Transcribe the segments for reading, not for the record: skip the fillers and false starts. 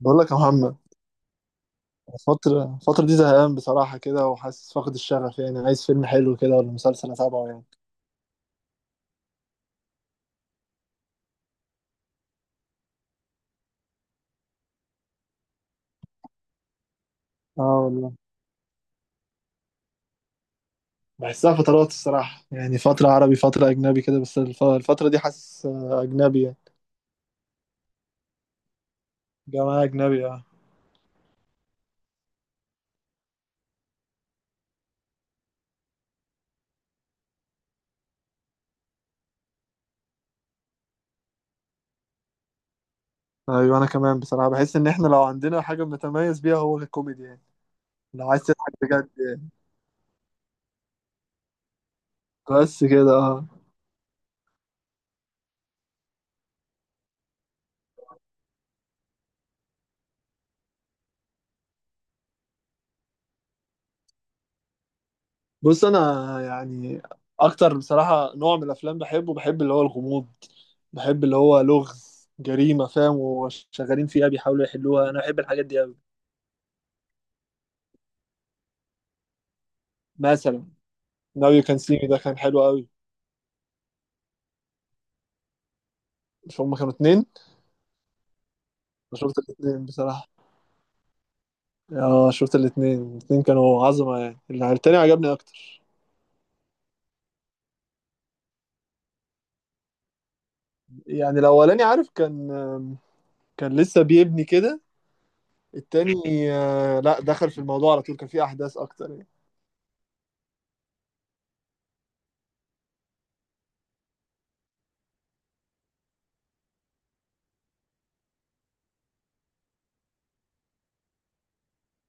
بقول لك يا محمد. الفترة دي زهقان بصراحة كده، وحاسس فاقد الشغف يعني، عايز فيلم حلو كده ولا مسلسل أتابعه يعني. اه والله. بحسها فترات الصراحة يعني، فترة عربي فترة أجنبي كده، بس الفترة دي حاسس، أجنبي يعني. جماعة أجنبي، اه. أيوة، أنا كمان بصراحة بحس إن إحنا لو عندنا حاجة متميز بيها هو الكوميدي، يعني لو عايز تضحك بجد يعني. بس كده، اه. بص انا يعني، اكتر بصراحه نوع من الافلام بحبه بحب اللي هو الغموض، بحب اللي هو لغز جريمه، فاهم، وشغالين فيها بيحاولوا يحلوها. انا بحب الحاجات دي قوي. مثلا ناو يو كان سي مي ده كان حلو قوي. مش هما كانوا اتنين؟ انا شفت الاتنين بصراحه. اه، شفت الاتنين. الاتنين كانوا عظمه يعني. التاني عجبني اكتر. يعني الاولاني، عارف، كان لسه بيبني كده. التاني، لا، دخل في الموضوع على طول، كان فيه احداث اكتر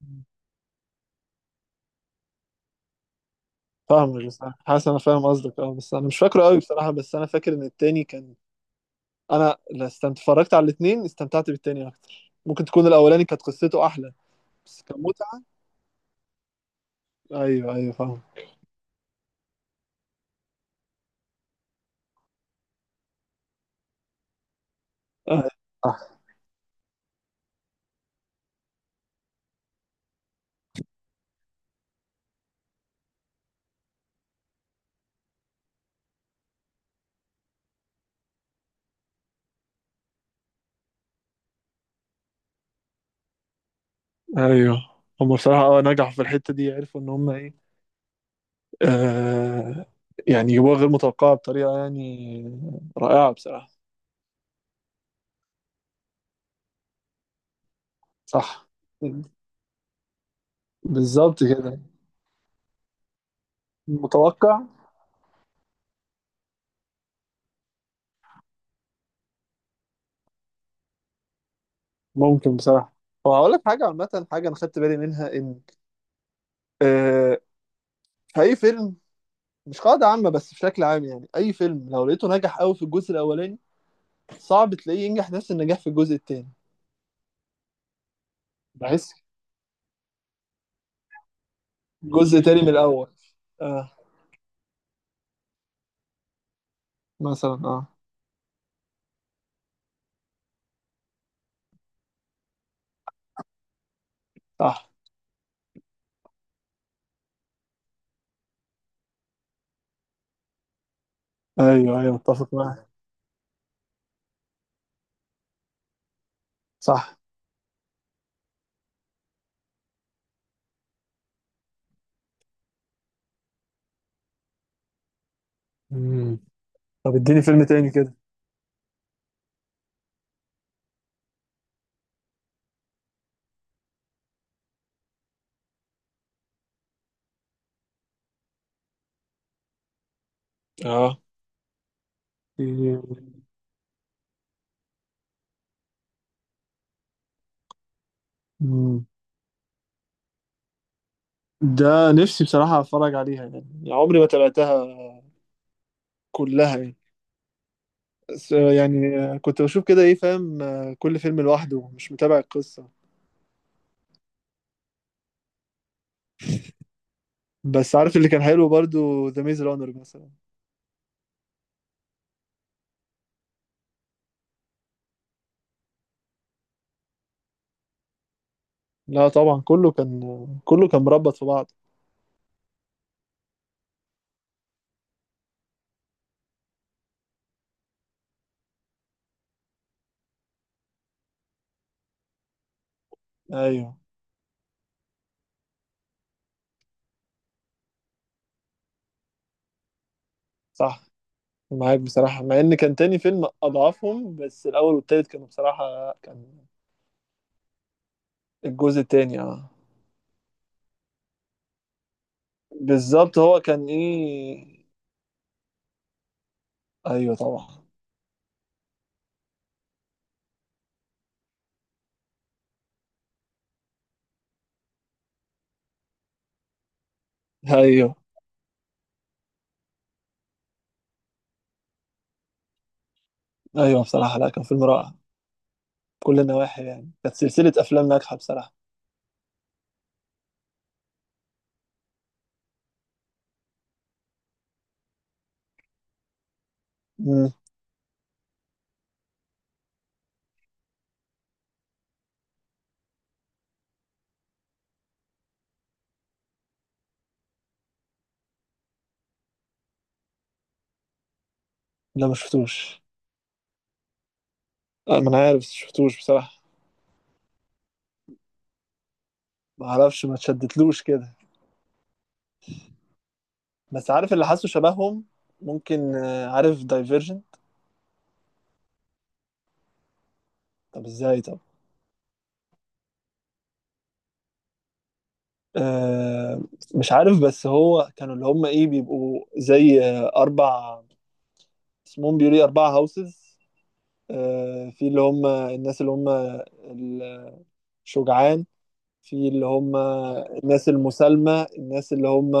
يعني. فاهمك، بس أنا حاسس انا فاهم قصدك، اه، بس انا مش فاكره قوي بصراحه، بس انا فاكر ان التاني كان. انا لا استمت... اتفرجت على الاتنين، استمتعت بالتاني اكتر، ممكن تكون الاولاني كانت قصته احلى. بس كمتعه. ايوه ايوه فاهم. آه، صح. ايوه. هم بصراحه، اه، نجحوا في الحته دي، عرفوا ان هم ايه. آه. يعني يبقوا غير متوقعه بطريقه يعني رائعه بصراحه. صح، بالظبط كده. متوقع. ممكن بصراحه. هو هقول لك حاجه عامه، حاجه انا خدت بالي منها ان، آه، فأي فيلم، مش قاعدة عامة بس بشكل عام يعني، أي فيلم لو لقيته نجح أوي في الجزء الأولاني، صعب تلاقيه ينجح نفس النجاح في الجزء التاني. بحس جزء تاني من الأول. آه، مثلا. آه، صح. أيوه أيوه متفق معاك. صح. مم. طب اديني فيلم تاني كده. اه. مم. ده نفسي بصراحة أتفرج عليها يعني عمري ما تابعتها كلها يعني. بس، يعني، كنت بشوف كده إيه، فاهم، كل فيلم لوحده مش متابع القصة. بس عارف اللي كان حلو برضو ذا ميز رانر مثلا. لا طبعا، كله كان مربط في بعض. ايوه. صح معاك بصراحة، مع ان كان تاني فيلم اضعفهم، بس الاول والتالت كانوا بصراحة كان. الجزء التاني اه. بالظبط هو كان ايه. ايوه طبعا. ايوه ايوه بصراحة، لا كان فيلم رائع. كل النواحي يعني كانت سلسلة افلام ناجحة بصراحة. امم. لا ما شفتوش. ما انا عارف بس شفتوش بصراحة. ما اعرفش، ما تشدتلوش كده. بس عارف اللي حاسه شبههم، ممكن. عارف دايفيرجن؟ طب ازاي؟ طب. آه، مش عارف. بس هو كانوا اللي هم ايه، بيبقوا زي، اربع. اسمهم بيقولوا ايه، اربع هاوسز. في اللي هم الناس اللي هم الشجعان، في اللي هم الناس المسالمة، الناس اللي هم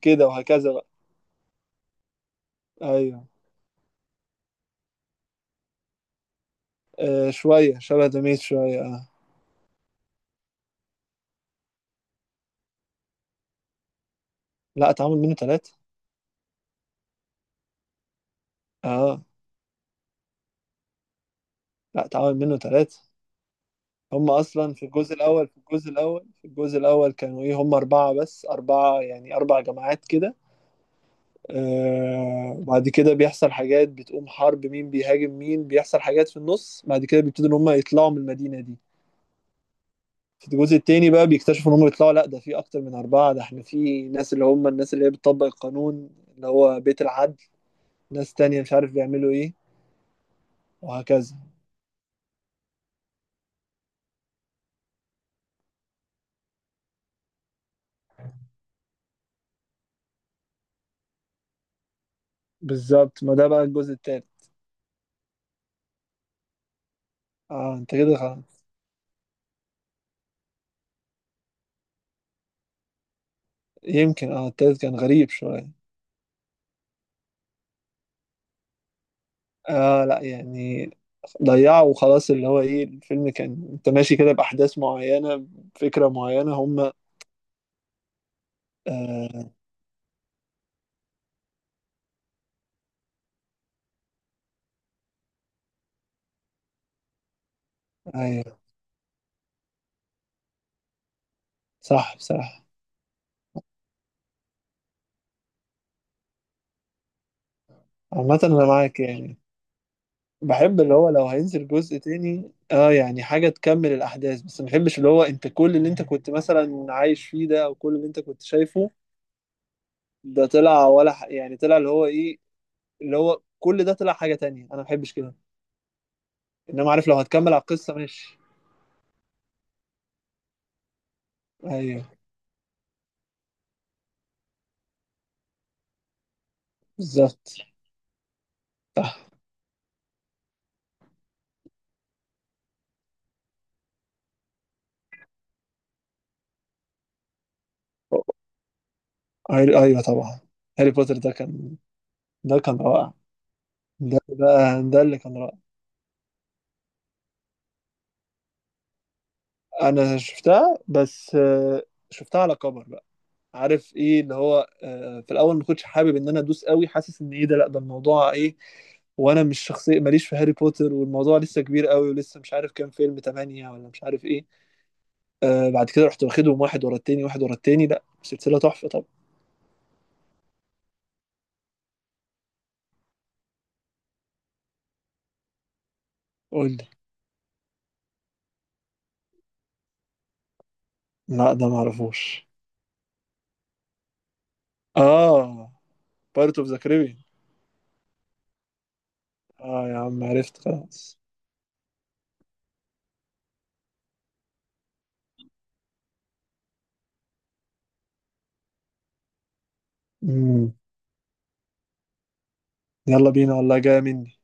كده وهكذا بقى. ايوه. آه، شوية شبه دميت شوية. آه. لا اتعمل منه ثلاثة. اه، لا اتعمل منه ثلاثة. هم اصلا في الجزء الاول في الجزء الاول في الجزء الاول كانوا ايه، هم اربعة، بس اربعة يعني اربع جماعات كده. آه، بعد كده بيحصل حاجات، بتقوم حرب، مين بيهاجم مين، بيحصل حاجات في النص، بعد كده بيبتدوا ان هم يطلعوا من المدينة دي. في الجزء التاني بقى بيكتشفوا ان هم يطلعوا، لا ده في اكتر من اربعة، ده احنا في ناس اللي هم الناس اللي هي بتطبق القانون، اللي هو بيت العدل، ناس تانية مش عارف بيعملوا ايه، وهكذا. بالظبط، ما ده بقى الجزء التالت. اه، انت كده خلاص. يمكن. اه، التالت كان غريب شوية. اه، لا يعني ضيعوا وخلاص، اللي هو ايه، الفيلم كان انت ماشي كده بأحداث معينة، فكرة معينة هم. آه. ايوه، صح بصراحة. عامة انا معاك يعني. بحب اللي هو لو هينزل جزء تاني، اه يعني، حاجة تكمل الأحداث، بس ما بحبش اللي هو انت، كل اللي انت كنت مثلا عايش فيه ده، او كل اللي انت كنت شايفه. ده طلع ولا يعني طلع اللي هو ايه، اللي هو كل ده طلع حاجة تانية، انا ما بحبش كده. انما عارف لو هتكمل على القصة ماشي. ايوه، بالظبط. صح. ايوه طبعا. هاري بوتر ده كان رائع. ده ده, ده اللي كان رائع. انا شفتها بس، شفتها على كبر بقى. عارف ايه اللي هو، في الاول ما كنتش حابب ان انا ادوس قوي، حاسس ان ايه ده، لا ده الموضوع ايه. وانا مش شخصيه ماليش في هاري بوتر، والموضوع لسه كبير قوي، ولسه مش عارف كام فيلم، تمانية ولا مش عارف ايه. آه، بعد كده رحت واخدهم واحد ورا التاني واحد ورا التاني. لا سلسله تحفه. طب قول لي. لا ده ما اعرفوش. اه، بارت اوف ذا كاريبيان. اه يا عم، عرفت خلاص. امم. يلا بينا والله، جايه مني.